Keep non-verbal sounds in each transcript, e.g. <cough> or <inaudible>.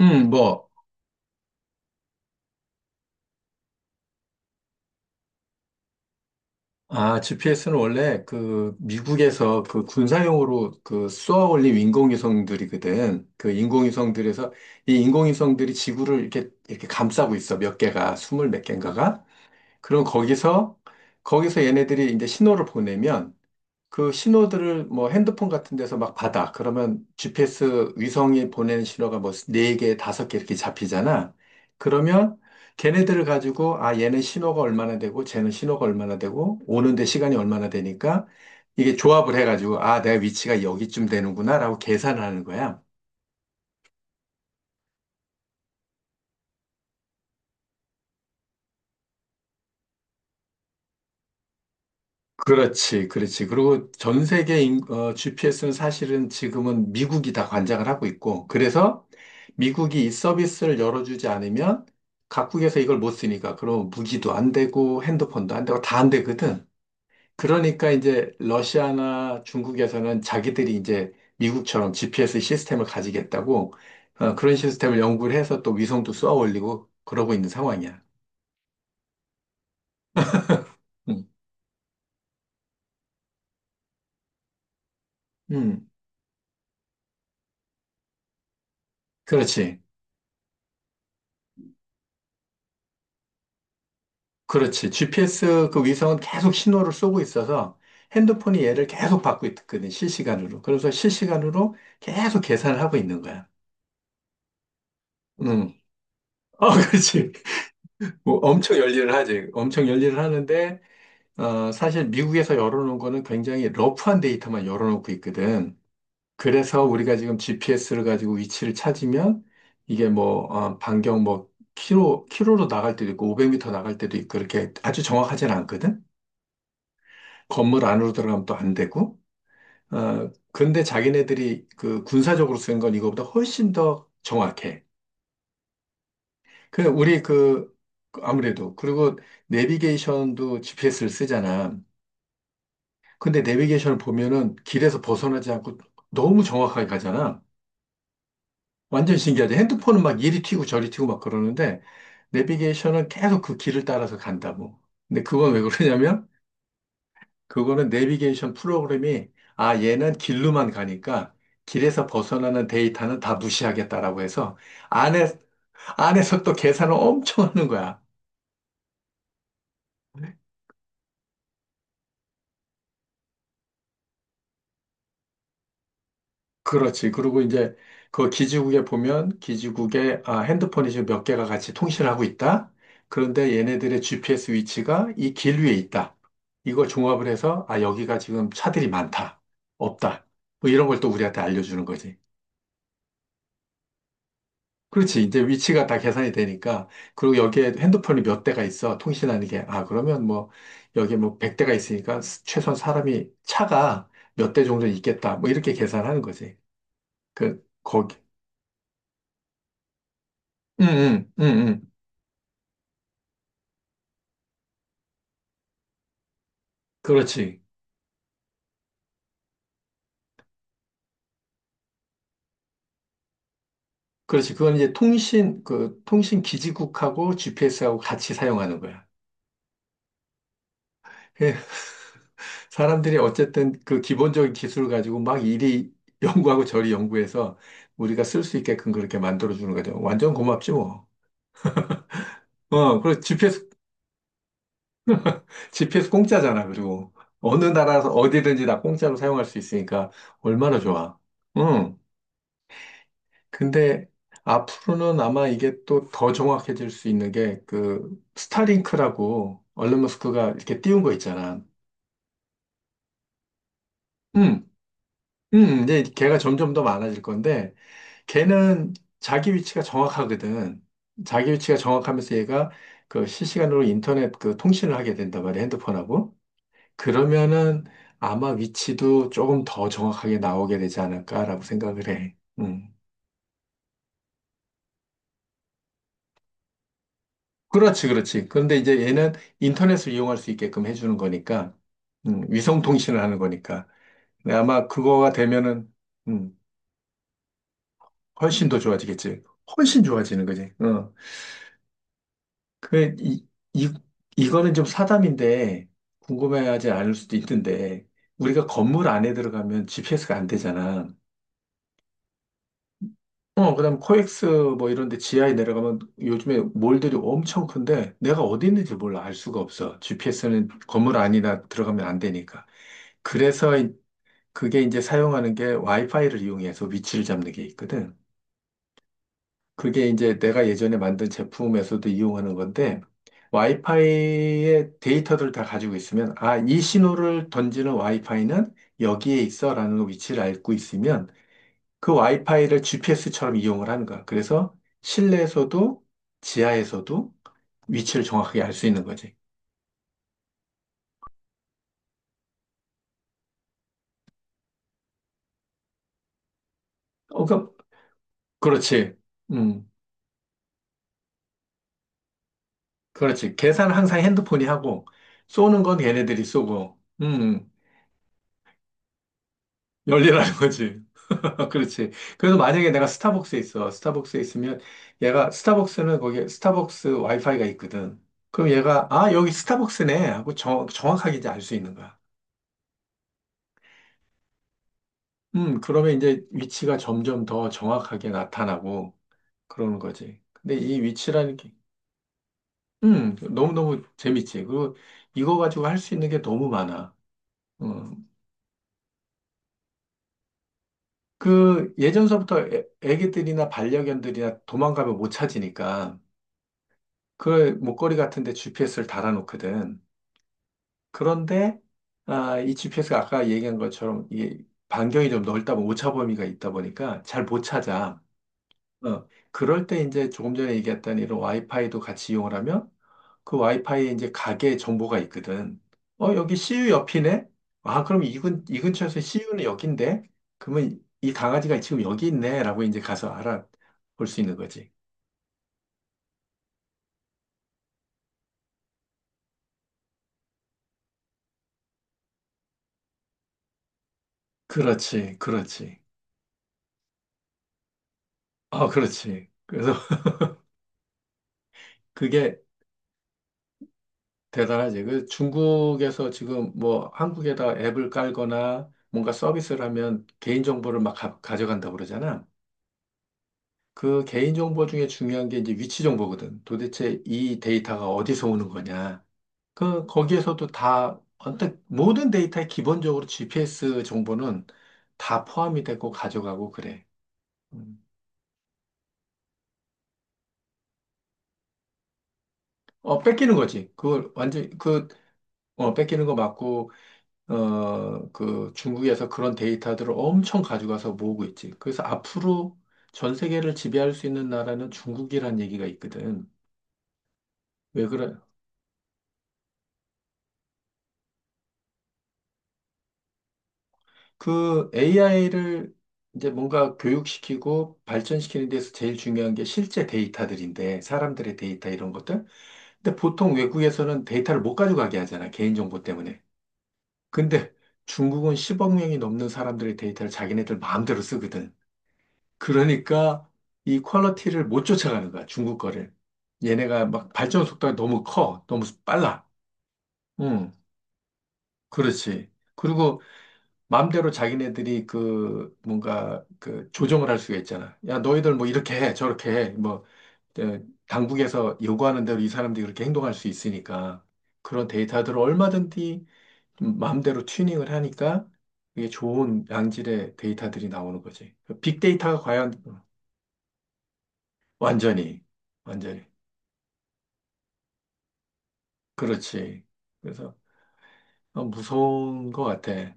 음, 뭐, GPS는 원래 그 미국에서 그 군사용으로 그 쏘아 올린 인공위성들이거든. 그 인공위성들에서 이 인공위성들이 지구를 이렇게, 이렇게 감싸고 있어. 몇 개가, 스물 몇 개인가가. 그럼 거기서 얘네들이 이제 신호를 보내면 그 신호들을 뭐 핸드폰 같은 데서 막 받아. 그러면 GPS 위성이 보내는 신호가 뭐 네개 다섯 개 이렇게 잡히잖아. 그러면 걔네들을 가지고 아, 얘는 신호가 얼마나 되고 쟤는 신호가 얼마나 되고 오는데 시간이 얼마나 되니까 이게 조합을 해가지고 아, 내가 위치가 여기쯤 되는구나라고 계산하는 거야. 그렇지, 그렇지. 그리고 전 세계 GPS는 사실은 지금은 미국이 다 관장을 하고 있고, 그래서 미국이 이 서비스를 열어주지 않으면 각국에서 이걸 못 쓰니까, 그럼 무기도 안 되고, 핸드폰도 안 되고, 다 안 되거든. 그러니까 이제 러시아나 중국에서는 자기들이 이제 미국처럼 GPS 시스템을 가지겠다고, 그런 시스템을 연구를 해서 또 위성도 쏘아 올리고, 그러고 있는 상황이야. 음, 음, 그렇지, 그렇지. GPS 그 위성은 계속 신호를 쏘고 있어서 핸드폰이 얘를 계속 받고 있거든, 실시간으로. 그래서 실시간으로 계속 계산을 하고 있는 거야. 응. 어, <laughs> 그렇지. 뭐 엄청 열일을 하지. 엄청 열일을 하는데, 사실 미국에서 열어놓은 거는 굉장히 러프한 데이터만 열어놓고 있거든. 그래서 우리가 지금 GPS를 가지고 위치를 찾으면 이게 뭐, 반경 뭐, 키로, 키로로 나갈 때도 있고, 500m 나갈 때도 있고, 그렇게 아주 정확하진 않거든. 건물 안으로 들어가면 또 안 되고. 어, 근데 자기네들이 그 군사적으로 쓴 건 이거보다 훨씬 더 정확해. 그, 우리 그, 아무래도. 그리고 내비게이션도 GPS를 쓰잖아. 근데 내비게이션을 보면은 길에서 벗어나지 않고 너무 정확하게 가잖아. 완전 신기하지. 핸드폰은 막 이리 튀고 저리 튀고 막 그러는데, 내비게이션은 계속 그 길을 따라서 간다고. 근데 그건 왜 그러냐면, 그거는 내비게이션 프로그램이 아 얘는 길로만 가니까 길에서 벗어나는 데이터는 다 무시하겠다라고 해서 안에 안에서 또 계산을 엄청 하는 거야. 그렇지. 그리고 이제 그 기지국에 보면 기지국에 아, 핸드폰이 지금 몇 개가 같이 통신을 하고 있다. 그런데 얘네들의 GPS 위치가 이 길 위에 있다. 이걸 종합을 해서 아 여기가 지금 차들이 많다. 없다. 뭐 이런 걸 또 우리한테 알려주는 거지. 그렇지. 이제 위치가 다 계산이 되니까. 그리고 여기에 핸드폰이 몇 대가 있어. 통신하는 게. 아, 그러면 뭐, 여기에 뭐 100대가 있으니까 최소한 사람이 차가 몇 대 정도 있겠다. 뭐 이렇게 계산하는 거지. 그, 거기. 응, 응, 응, 응. 그렇지, 그렇지. 그건 이제 통신, 그, 통신 기지국하고 GPS하고 같이 사용하는 거야. 예. <laughs> 사람들이 어쨌든 그 기본적인 기술을 가지고 막 이리 연구하고 저리 연구해서 우리가 쓸 수 있게끔 그렇게 만들어주는 거죠. 완전 고맙지 뭐. 그리고 GPS 공짜잖아, 그리고. 어느 나라에서 어디든지 다 공짜로 사용할 수 있으니까 얼마나 좋아. 응. 근데 앞으로는 아마 이게 또 더 정확해질 수 있는 게 그 스타링크라고 얼른 머스크가 이렇게 띄운 거 있잖아. 응. 응. 이제 걔가 점점 더 많아질 건데 걔는 자기 위치가 정확하거든. 자기 위치가 정확하면서 얘가 그 실시간으로 인터넷 그 통신을 하게 된단 말이야, 핸드폰하고. 그러면은 아마 위치도 조금 더 정확하게 나오게 되지 않을까라고 생각을 해. 음. 그렇지, 그렇지. 그런데 이제 얘는 인터넷을 이용할 수 있게끔 해주는 거니까, 위성 통신을 하는 거니까. 근데 아마 그거가 되면은, 음, 훨씬 더 좋아지겠지. 훨씬 좋아지는 거지. 어. 그, 이, 이, 이거는 좀 사담인데, 궁금해하지 않을 수도 있는데, 우리가 건물 안에 들어가면 GPS가 안 되잖아. 어, 그다음 코엑스 뭐 이런 데 지하에 내려가면 요즘에 몰들이 엄청 큰데 내가 어디 있는지 몰라 알 수가 없어. GPS는 건물 안이나 들어가면 안 되니까. 그래서 그게 이제 사용하는 게 와이파이를 이용해서 위치를 잡는 게 있거든. 그게 이제 내가 예전에 만든 제품에서도 이용하는 건데 와이파이의 데이터들을 다 가지고 있으면 아, 이 신호를 던지는 와이파이는 여기에 있어라는 위치를 알고 있으면 그 와이파이를 GPS처럼 이용을 하는 거야. 그래서 실내에서도 지하에서도 위치를 정확하게 알 수 있는 거지. 어, 그, 그렇지. 음, 그렇지. 계산은 항상 핸드폰이 하고, 쏘는 건 걔네들이 쏘고, 열리라는 거지. <laughs> 그렇지. 그래서 만약에 내가 스타벅스에 있어. 스타벅스에 있으면 얘가, 스타벅스는 거기에 스타벅스 와이파이가 있거든. 그럼 얘가, 아, 여기 스타벅스네. 하고 정확하게 이제 알 수 있는 거야. 그러면 이제 위치가 점점 더 정확하게 나타나고 그러는 거지. 근데 이 위치라는 게, 너무너무 재밌지. 그리고 이거 가지고 할 수 있는 게 너무 많아. 음, 그 예전서부터 애기들이나 반려견들이나 도망가면 못 찾으니까 그 목걸이 같은 데 GPS를 달아놓거든. 그런데, 아, 이 GPS가 아까 얘기한 것처럼 이게 반경이 좀 넓다 보면 오차 범위가 있다 보니까 잘 못 찾아. 어, 그럴 때 이제 조금 전에 얘기했던 이런 와이파이도 같이 이용을 하면 그 와이파이에 이제 가게 정보가 있거든. 어, 여기 CU 옆이네? 아, 그럼 이 근처에서 CU는 여긴데? 그러면 이 강아지가 지금 여기 있네? 라고 이제 가서 알아볼 수 있는 거지. 그렇지, 그렇지. 아, 그렇지. 그래서 <laughs> 그게 대단하지. 그 중국에서 지금 뭐 한국에다 앱을 깔거나 뭔가 서비스를 하면 개인정보를 막 져간다고 그러잖아. 그 개인정보 중에 중요한 게 이제 위치 정보거든. 도대체 이 데이터가 어디서 오는 거냐. 거기에서도 모든 데이터에 기본적으로 GPS 정보는 다 포함이 되고 가져가고 그래. 음. 어, 뺏기는 거지. 어, 뺏기는 거 맞고, 어, 그 중국에서 그런 데이터들을 엄청 가져가서 모으고 있지. 그래서 앞으로 전 세계를 지배할 수 있는 나라는 중국이란 얘기가 있거든. 왜 그 래 그 AI를 이제 뭔가 교육시키고 발전시키는 데서 제일 중요한 게 실제 데이터들인데, 사람들의 데이터 이런 것들. 근데 보통 외국에서는 데이터를 못 가져가게 하잖아, 개인정보 때문에. 근데 중국은 10억 명이 넘는 사람들의 데이터를 자기네들 마음대로 쓰거든. 그러니까 이 퀄리티를 못 쫓아가는 거야, 중국 거를. 얘네가 막 발전 속도가 너무 커, 너무 빨라. 응, 그렇지. 그리고 마음대로 자기네들이 그 뭔가 그 조정을 할 수가 있잖아. 야, 너희들 뭐 이렇게 해, 저렇게 해. 뭐 어, 당국에서 요구하는 대로 이 사람들이 그렇게 행동할 수 있으니까 그런 데이터들을 얼마든지 좀 마음대로 튜닝을 하니까 이게 좋은 양질의 데이터들이 나오는 거지. 그 빅데이터가 과연 완전히 완전히 그렇지. 그래서 어, 무서운 것 같아.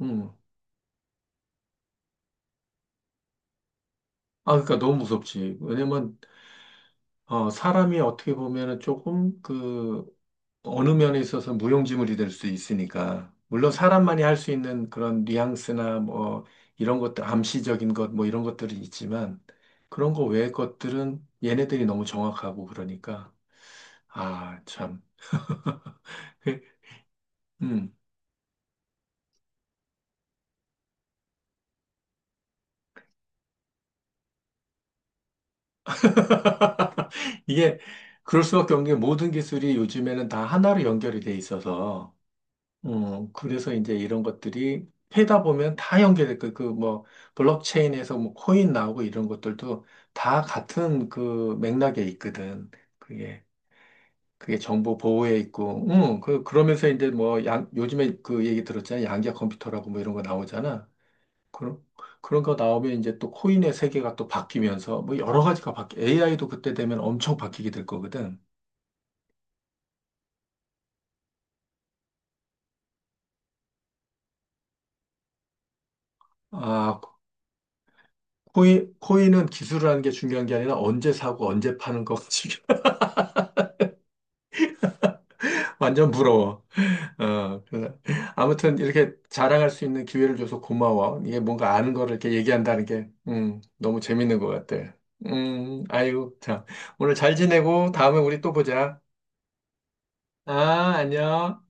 음. 아, 그러니까 너무 무섭지. 왜냐면 어, 사람이 어떻게 보면은 조금 그 어느 면에 있어서 무용지물이 될 수 있으니까. 물론 사람만이 할 수 있는 그런 뉘앙스나 뭐 이런 것들, 암시적인 것 뭐 이런 것들이 있지만 그런 거 외의 것들은 얘네들이 너무 정확하고 그러니까 아, 참. <laughs> 그, 음. 이게 그럴 수밖에 없는 게 모든 기술이 요즘에는 다 하나로 연결이 돼 있어서 그래서 이제 이런 것들이 해다 보면 다 연결될 거, 그 뭐, 블록체인에서 뭐, 코인 나오고 이런 것들도 다 같은 그 맥락에 있거든. 그게, 그게 정보 보호에 있고, 그러면서 이제 뭐, 요즘에 그 얘기 들었잖아. 양자 컴퓨터라고 뭐 이런 거 나오잖아. 그런, 그런 거 나오면 이제 또 코인의 세계가 또 바뀌면서 AI도 그때 되면 엄청 바뀌게 될 거거든. 아, 코인은 기술을 하는 게 중요한 게 아니라 언제 사고 언제 파는 거 <laughs> 완전 부러워. 어, 그래서 아무튼 이렇게 자랑할 수 있는 기회를 줘서 고마워. 이게 뭔가 아는 거를 이렇게 얘기한다는 게, 너무 재밌는 것 같아. 아이고, 참. 오늘 잘 지내고 다음에 우리 또 보자. 아, 안녕.